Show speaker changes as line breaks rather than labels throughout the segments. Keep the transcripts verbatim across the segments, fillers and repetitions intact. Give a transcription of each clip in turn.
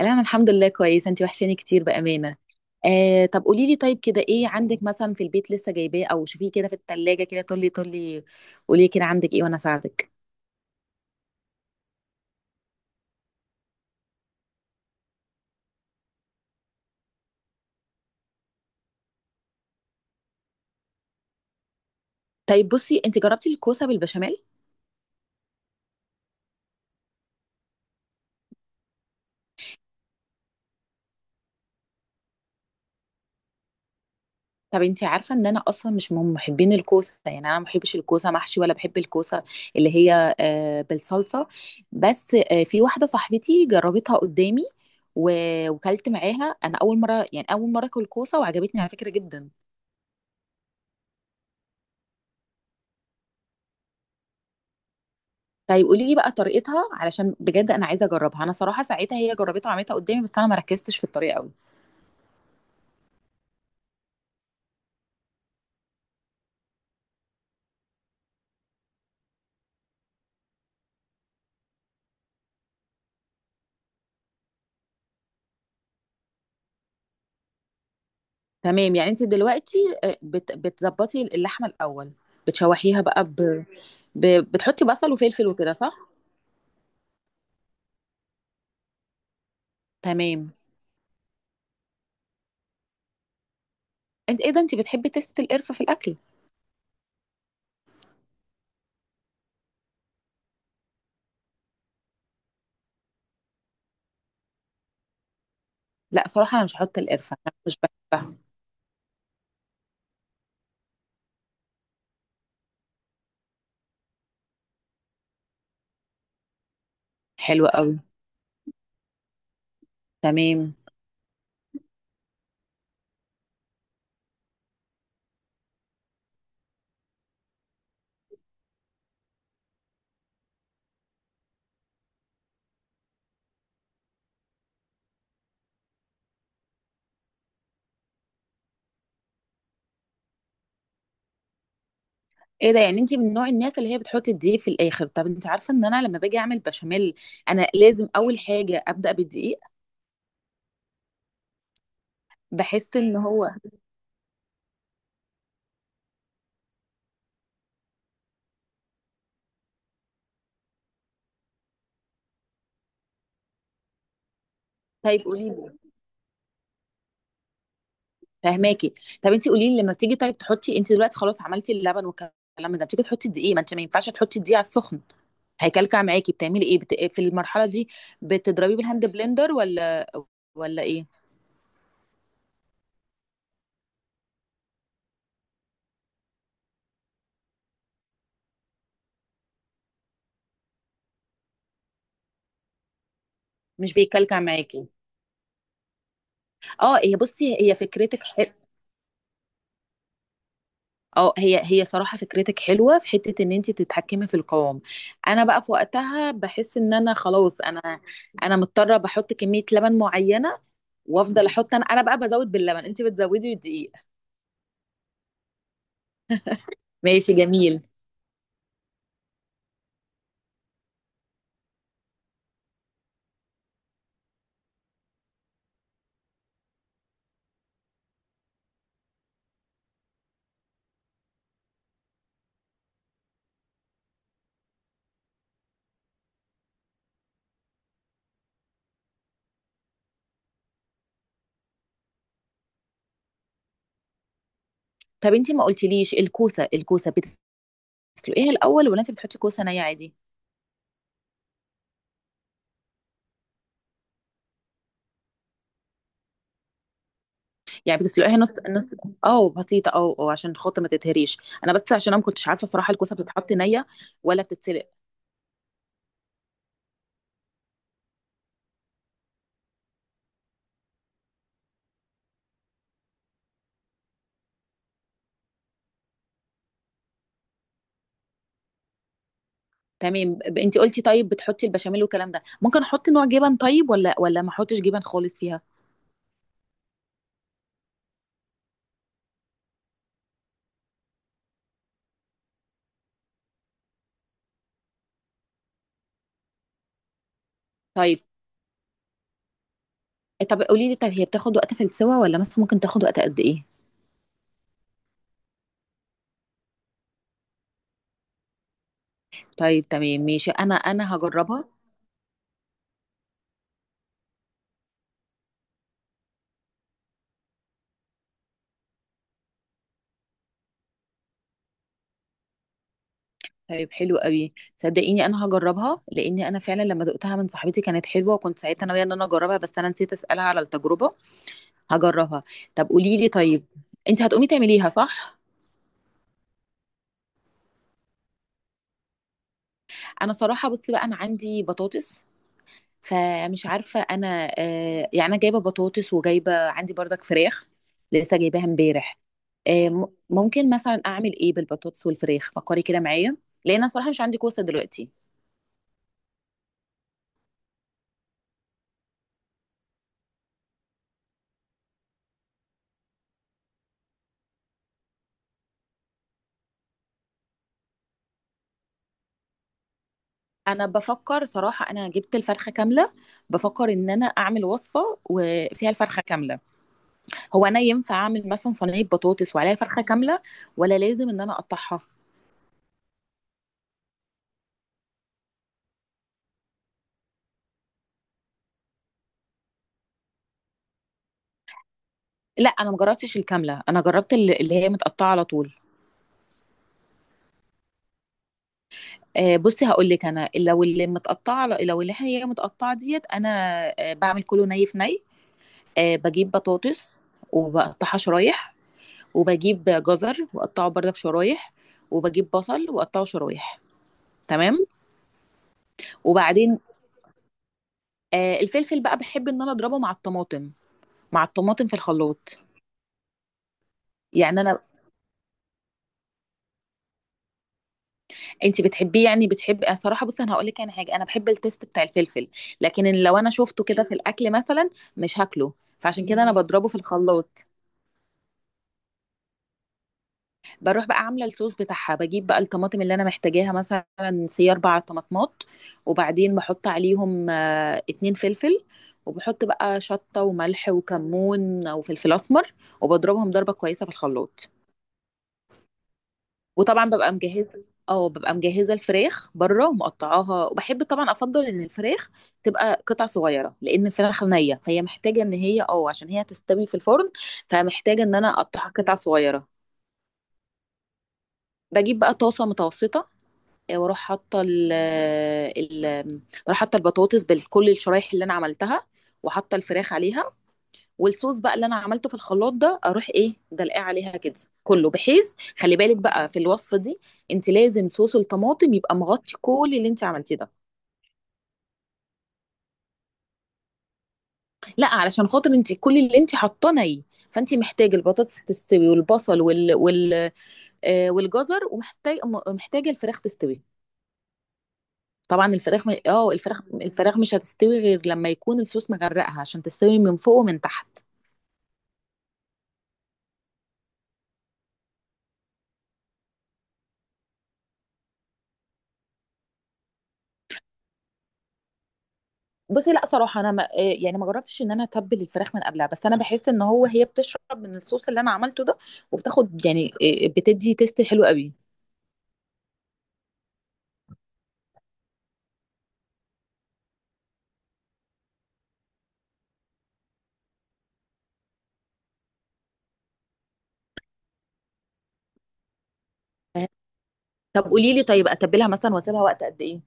لا، انا الحمد لله كويسه، انت وحشاني كتير بامانه. آه، طب قولي لي، طيب كده ايه عندك مثلا في البيت لسه جايباه او شوفيه كده في التلاجة، كده طولي طولي. قولي لي كده عندك ايه، وانا اساعدك. طيب بصي، انت جربتي الكوسه بالبشاميل؟ طب انت عارفه ان انا اصلا مش من محبين الكوسه، يعني انا ما بحبش الكوسه محشي ولا بحب الكوسه اللي هي آه بالصلصه. بس آه في واحده صاحبتي جربتها قدامي. و- وكلت معاها انا اول مره، يعني اول مره اكل كوسه وعجبتني على فكره جدا. طيب قولي لي بقى طريقتها، علشان بجد انا عايزه اجربها، انا صراحه ساعتها هي جربتها وعملتها قدامي بس انا ما ركزتش في الطريقه قوي. تمام، يعني انت دلوقتي آه، بت- بتظبطي اللحمه الاول. بتشوحيها بقى ب... ب... بتحطي بصل وفلفل وكده، صح؟ تمام. انت ايه ده، انت بتحبي تست القرفه في الاكل؟ لا صراحه انا مش هحط القرفه، انا مش بحبها. حلوه قوي. تمام. ايه ده يعني، انت من نوع الناس اللي هي بتحط الدقيق في الاخر؟ طب انت عارفه ان انا لما باجي اعمل بشاميل، انا لازم اول حاجه ابدا بالدقيق. بحس ان هو... طيب قولي لي، فاهماكي. طب انت قولي لي، لما بتيجي طيب تحطي، انت دلوقتي خلاص عملتي اللبن والكلام ده، بتيجي تحطي الدقيق، ما انت ما ينفعش تحطي الدقيق على السخن. هيكلكع معاكي، بتعملي ايه بت... في المرحله دي؟ بتضربيه بالهاند بلندر ولا ولا ايه، مش بيكلكع معاكي؟ اه هي بصي، هي فكرتك حلوه. اه هي هي صراحه فكرتك حلوه في حته ان انت تتحكمي في القوام. انا بقى في وقتها بحس ان انا خلاص انا... انا مضطره بحط كميه لبن معينه. وافضل احط، انا انا بقى بزود باللبن، انت بتزودي بالدقيق. ماشي جميل. طب انتي ما قلتليش، الكوسه الكوسه بتسلقيها الاول ولا انتي بتحطي كوسه نيه عادي؟ يعني بتسلقيها نص نص، او بسيطه، او او عشان خاطر ما تتهريش. انا بس عشان انا ما كنتش عارفه صراحه، الكوسه بتتحط نيه ولا بتتسلق؟ تمام ب- انتي قلتي طيب بتحطي البشاميل والكلام ده، ممكن احط نوع جبن طيب ولا ولا ما احطش جبن خالص فيها؟ طيب. طب قولي لي، طب هي بتاخد وقت في السوا، ولا مثلا ممكن تاخد وقت قد ايه؟ طيب تمام ماشي، انا انا هجربها. طيب حلو قوي، صدقيني انا هجربها، لاني انا فعلا لما دقتها من صاحبتي كانت حلوه، وكنت ساعتها ناويه ان انا اجربها بس انا نسيت اسالها على التجربه. هجربها. طب قولي لي طيب، انت هتقومي تعمليها، صح؟ انا صراحه بصي بقى، انا عندي بطاطس، فمش عارفه انا، آه يعني انا جايبه بطاطس وجايبه عندي بردك فراخ، لسه جايباها امبارح. آه م- ممكن مثلا اعمل ايه بالبطاطس والفراخ، فكري كده معايا، لان انا صراحه مش عندي كوسه دلوقتي. انا بفكر صراحه، انا جبت الفرخه كامله. بفكر ان انا اعمل وصفه وفيها الفرخه كامله. هو انا ينفع اعمل مثلا صينيه بطاطس وعليها الفرخه كامله، ولا لازم ان انا اقطعها؟ لا انا مجربتش الكامله، انا جربت اللي اللي هي متقطعه على طول. آه، بصي هقول لك، انا لو اللي متقطعه، لو اللي هي متقطعه ديت انا... آه، بعمل كله ني في ني. آه، بجيب بطاطس وبقطعها شرايح، وبجيب جزر واقطعه برضك شرايح، وبجيب بصل واقطعه شرايح. تمام. وبعدين آه، الفلفل بقى بحب ان انا اضربه مع الطماطم، مع الطماطم في الخلاط. يعني انا... انت بتحبيه، يعني بتحبي، أنا صراحه بصي انا هقول لك، انا حاجه انا بحب التيست بتاع الفلفل، لكن إن لو انا شفته كده في الاكل مثلا، مش هاكله. فعشان كده انا مم. بضربه في الخلاط. بروح بقى عامله الصوص بتاعها، بجيب بقى الطماطم اللي انا محتاجاها، مثلا سي اربع طماطمات، وبعدين بحط عليهم آه، اتنين فلفل، وبحط بقى شطه وملح وكمون وفلفل اسمر، وبضربهم ضربه كويسه في الخلاط. وطبعا ببقى مجهزه اه ببقى مجهزه الفراخ بره ومقطعاها، وبحب طبعا افضل ان الفراخ تبقى قطع صغيره، لان الفراخ نيه فهي محتاجه ان هي اه عشان هي تستوي في الفرن، فمحتاجه ان انا اقطعها قطع صغيره. بجيب بقى طاسه متوسطه، آه، واروح حاطه ال... ال... بروح حاطه البطاطس بكل الشرايح اللي انا عملتها، وحاطه الفراخ عليها، والصوص بقى اللي انا عملته في الخلاط ده، اروح ايه دلقاه عليها كده، كله، بحيث... خلي بالك بقى في الوصفه دي، انت لازم صوص الطماطم يبقى مغطي كل اللي انت عملتيه ده. لا، علشان خاطر انت كل اللي انت حاطاه ني، فانت محتاجه البطاطس تستوي، والبصل وال... وال... آه والجزر، ومحتاج محتاجه الفراخ تستوي. طبعا الفراخ م... اه الفراخ الفراخ مش هتستوي غير لما يكون الصوص مغرقها عشان تستوي من فوق ومن تحت. بصي، لا صراحه انا ما آه، يعني ما جربتش ان انا اتبل الفراخ من قبلها، بس انا بحس ان هو هي بتشرب من الصوص اللي انا عملته ده، وبتاخد يعني، آه، بتدي تيست حلو قوي. طب قولي لي طيب، اتبلها مثلا واسيبها وقت قد ايه؟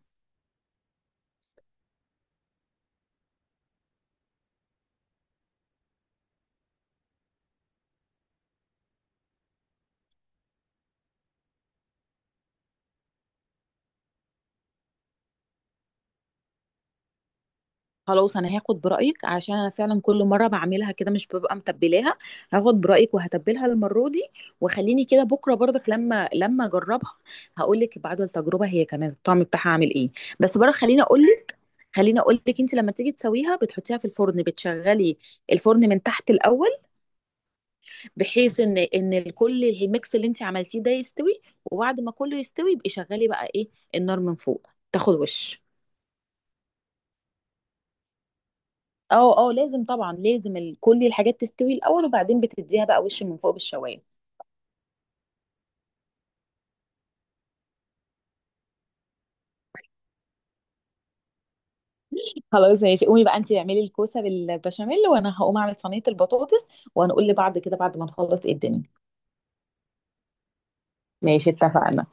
خلاص، انا هاخد برايك، عشان انا فعلا كل مره بعملها كده مش ببقى متبلاها. هاخد برايك وهتبلها المره دي، وخليني كده بكره برضك لما لما اجربها، هقول لك بعد التجربه هي كانت الطعم بتاعها عامل ايه. بس بره خليني اقول، خليني اقول لك، انت لما تيجي تسويها بتحطيها في الفرن، بتشغلي الفرن من تحت الاول، بحيث ان ان الكل الميكس اللي انت عملتيه ده يستوي، وبعد ما كله يستوي يبقي شغلي بقى ايه، النار من فوق تاخد وش. اه، اه لازم، طبعا لازم ال- كل الحاجات تستوي الاول، وبعدين بتديها بقى وش من فوق بالشوايه. خلاص ماشي، قومي بقى انت اعملي الكوسه بالبشاميل، وانا هقوم اعمل صينيه البطاطس، وهنقول لبعض كده بعد ما نخلص ايه الدنيا. ماشي اتفقنا.